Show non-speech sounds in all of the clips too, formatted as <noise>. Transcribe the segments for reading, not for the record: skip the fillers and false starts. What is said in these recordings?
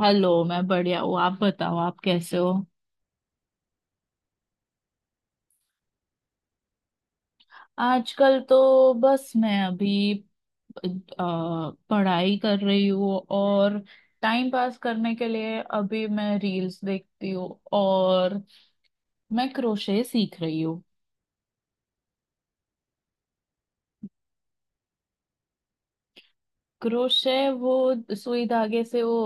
Hello, मैं बढ़िया हूँ। आप बताओ आप कैसे हो। आजकल तो बस मैं अभी अ, पढ़ाई कर रही हूँ, और टाइम पास करने के लिए अभी मैं रील्स देखती हूँ। और मैं क्रोशे सीख रही हूँ। क्रोशे, वो सुई धागे से वो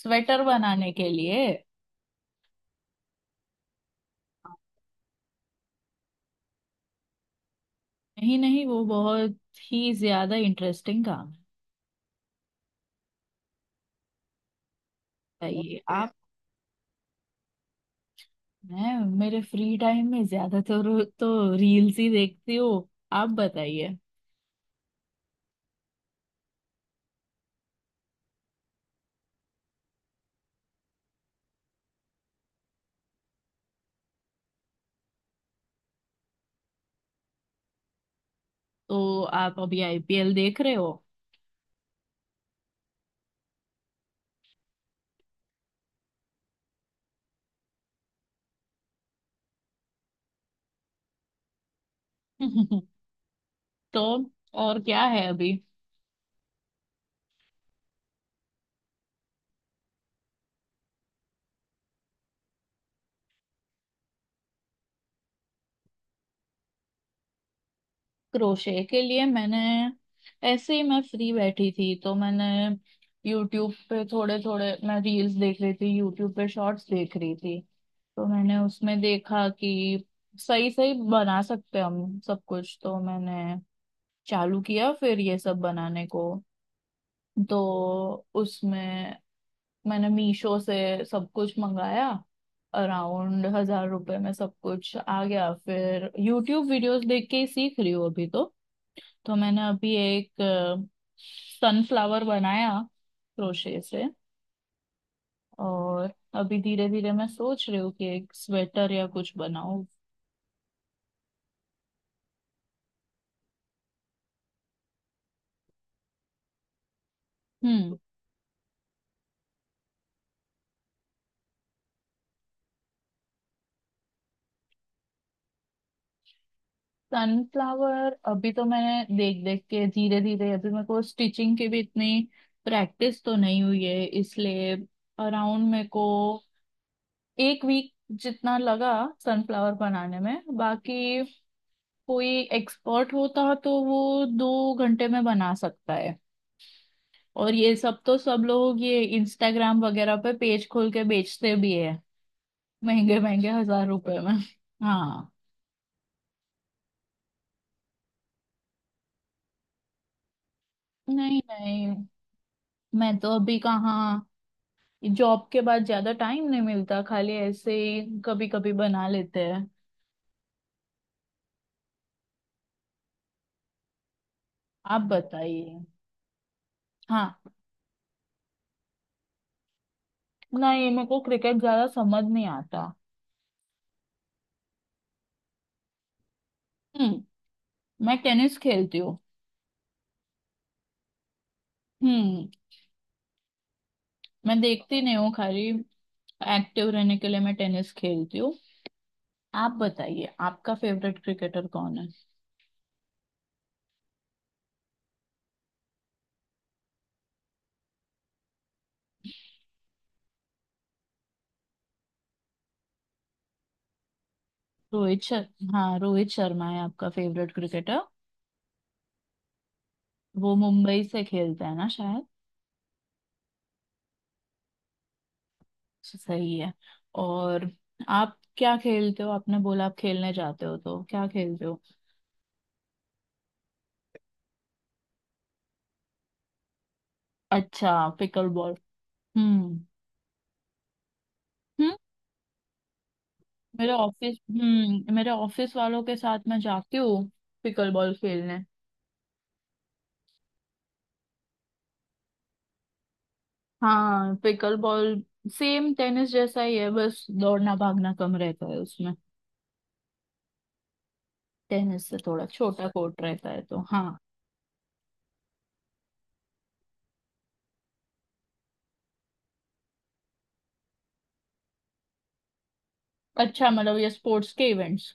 स्वेटर बनाने के लिए। नहीं नहीं, वो बहुत ही ज्यादा इंटरेस्टिंग काम है। बताइए। मैं मेरे फ्री टाइम में ज्यादातर तो रील्स ही देखती हूँ। आप बताइए। तो आप अभी आईपीएल देख रहे हो? <laughs> तो और क्या है अभी? क्रोशे के लिए मैंने, ऐसे ही मैं फ्री बैठी थी तो मैंने यूट्यूब पे थोड़े थोड़े मैं रील्स देख रही थी, यूट्यूब पे शॉर्ट्स देख रही थी। तो मैंने उसमें देखा कि सही सही बना सकते हैं हम सब कुछ, तो मैंने चालू किया फिर ये सब बनाने को। तो उसमें मैंने मीशो से सब कुछ मंगाया, अराउंड 1000 रुपए में सब कुछ आ गया, फिर यूट्यूब वीडियोस देख के ही सीख रही हूँ अभी तो। तो मैंने अभी एक सनफ्लावर बनाया क्रोशे से। और अभी धीरे धीरे मैं सोच रही हूँ कि एक स्वेटर या कुछ बनाऊं। हम्म। सनफ्लावर अभी तो मैंने देख देख के धीरे धीरे, अभी मेरे को स्टिचिंग की भी इतनी प्रैक्टिस तो नहीं हुई है, इसलिए अराउंड मेरे को 1 वीक जितना लगा सनफ्लावर बनाने में। बाकी कोई एक्सपर्ट होता तो वो 2 घंटे में बना सकता है। और ये सब तो सब लोग ये इंस्टाग्राम वगैरह पे पेज खोल के बेचते भी है, महंगे महंगे 1000 रुपए में। हाँ। नहीं नहीं, मैं तो अभी कहाँ। जॉब के बाद ज्यादा टाइम नहीं मिलता, खाली ऐसे ही कभी कभी बना लेते हैं। आप बताइए। हाँ। ना, ये मेरे को क्रिकेट ज्यादा समझ नहीं आता। हम्म। मैं टेनिस खेलती हूँ। हम्म। मैं देखती नहीं हूँ, खाली एक्टिव रहने के लिए मैं टेनिस खेलती हूँ। आप बताइए, आपका फेवरेट क्रिकेटर कौन है? रोहित शर्मा। हाँ, रोहित शर्मा है आपका फेवरेट क्रिकेटर। वो मुंबई से खेलता है ना शायद। सही है। और आप क्या खेलते हो? आपने बोला आप खेलने जाते हो, तो क्या खेलते हो? अच्छा, पिकल बॉल। हम्म। हम्म। मेरे ऑफिस वालों के साथ मैं जाती हूँ पिकल बॉल खेलने। हाँ, पिकल बॉल सेम टेनिस जैसा ही है, बस दौड़ना भागना कम रहता है उसमें। टेनिस से थोड़ा छोटा कोर्ट रहता है, तो हाँ। अच्छा, मतलब ये स्पोर्ट्स के इवेंट्स।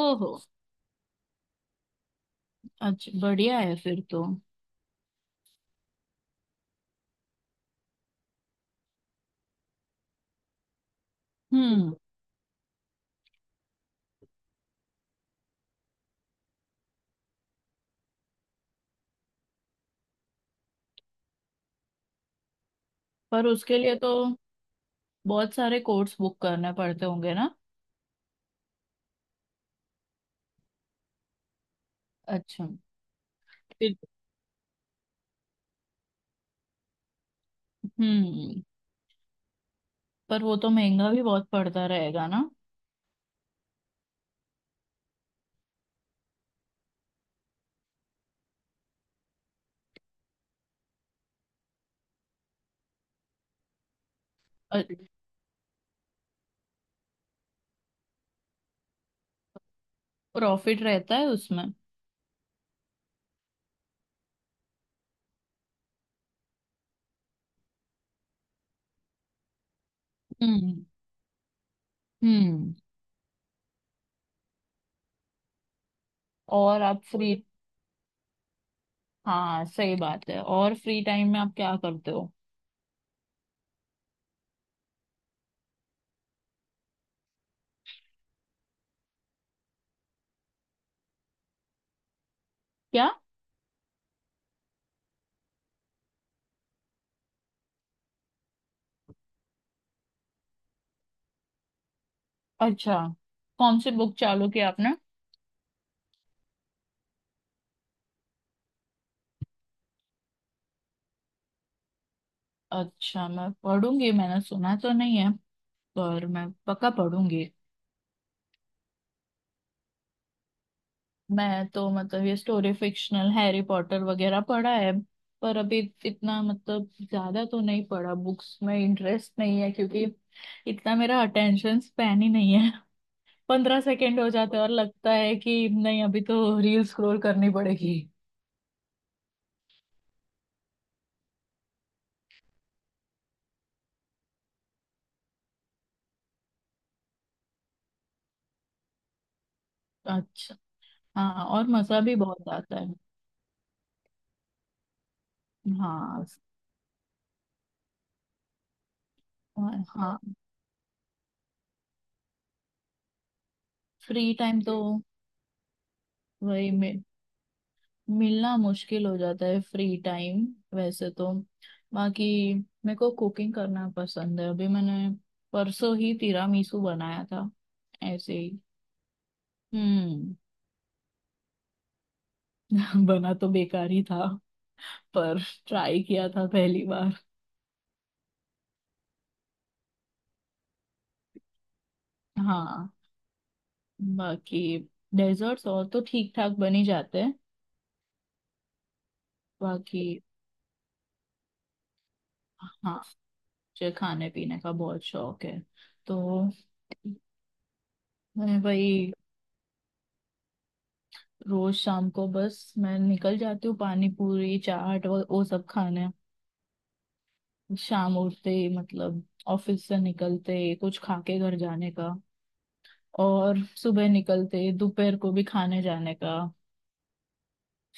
ओहो। अच्छा, बढ़िया है फिर तो। हम्म। पर उसके लिए तो बहुत सारे कोर्स बुक करने पड़ते होंगे ना। अच्छा। फिर- हम्म। पर वो तो महंगा भी बहुत पड़ता रहेगा ना। प्रॉफिट रहता है उसमें। हम्म। हम्म। और आप फ्री। हाँ, सही बात है, और फ्री टाइम में आप क्या करते हो? क्या? अच्छा, कौन सी बुक चालू की आपने? अच्छा, मैं पढ़ूंगी, मैंने सुना तो नहीं है पर मैं पक्का पढ़ूंगी। मैं तो मतलब ये स्टोरी फिक्शनल हैरी पॉटर वगैरह पढ़ा है, पर अभी इतना मतलब ज्यादा तो नहीं पढ़ा, बुक्स में इंटरेस्ट नहीं है क्योंकि इतना मेरा अटेंशन स्पैन ही नहीं है। <laughs> 15 सेकेंड हो जाते हैं और लगता है कि नहीं, अभी तो रील स्क्रॉल करनी पड़ेगी। अच्छा। हाँ, और मजा भी बहुत आता है। हाँ। हाँ। फ्री टाइम तो वही मिलना मुश्किल हो जाता है फ्री टाइम। वैसे तो बाकी मेरे को कुकिंग करना पसंद है, अभी मैंने परसों ही तिरामिसू बनाया था ऐसे ही। हम्म। <laughs> बना तो बेकार ही था, पर ट्राई किया था पहली बार। हाँ, बाकी डेजर्ट्स और तो ठीक ठाक बन ही जाते हैं। बाकी। हाँ, मुझे खाने पीने का बहुत शौक है। तो मैं वही रोज शाम को बस मैं निकल जाती हूँ, पानी पूरी चाट वो सब खाने। शाम उठते ही मतलब ऑफिस से निकलते ही कुछ खा के घर जाने का, और सुबह निकलते ही दोपहर को भी खाने जाने का।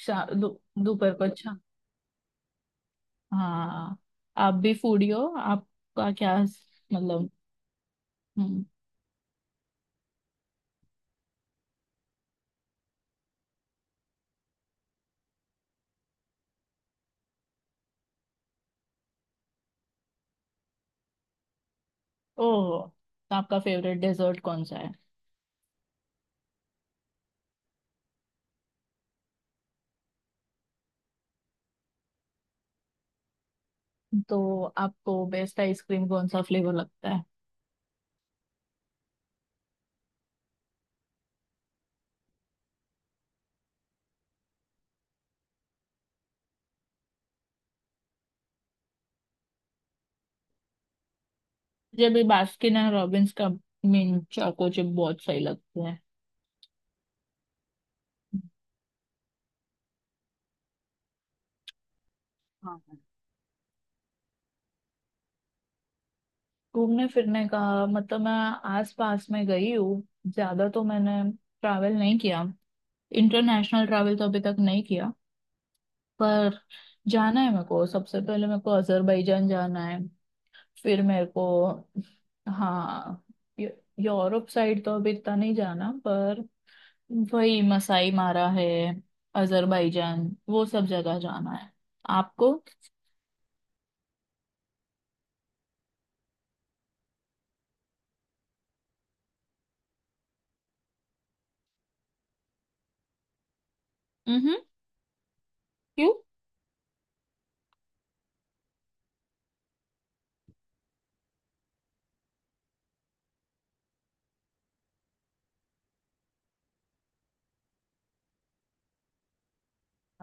शा दो- दोपहर को। अच्छा। हाँ। आप भी फूडी हो? आपका क्या मतलब? हम्म। ओह, तो आपका फेवरेट डेजर्ट कौन सा है? तो आपको बेस्ट आइसक्रीम कौन सा फ्लेवर लगता है? मुझे भी बास्किन एंड रॉबिन्स का मिंट चोको चिप बहुत सही लगते हैं। हाँ। घूमने फिरने का मतलब मैं आस पास में गई हूँ, ज्यादा तो मैंने ट्रैवल नहीं किया, इंटरनेशनल ट्रैवल तो अभी तक नहीं किया। पर जाना है मेरे को, सबसे पहले मेरे को अजरबैजान जाना है, फिर मेरे को। हाँ। यू- यूरोप साइड तो अभी इतना नहीं जाना, पर वही मसाई मारा है, अजरबैजान वो सब जगह जाना है आपको। क्यों?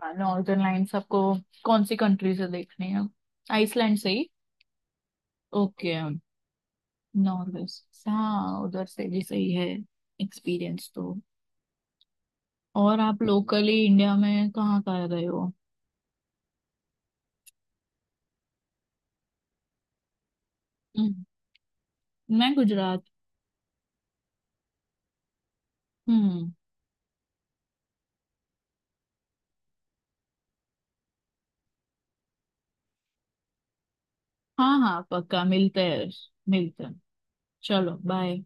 हाँ, नॉर्दर्न लाइन्स आपको कौन सी कंट्री से देखनी है? आइसलैंड से ही? ओके, नॉर्वे से, हाँ उधर से भी सही है एक्सपीरियंस तो। और आप लोकली इंडिया में कहाँ कहाँ गए हो? हम्म, मैं गुजरात। हम्म। हाँ हाँ, पक्का मिलते हैं। मिलते हैं। चलो, बाय।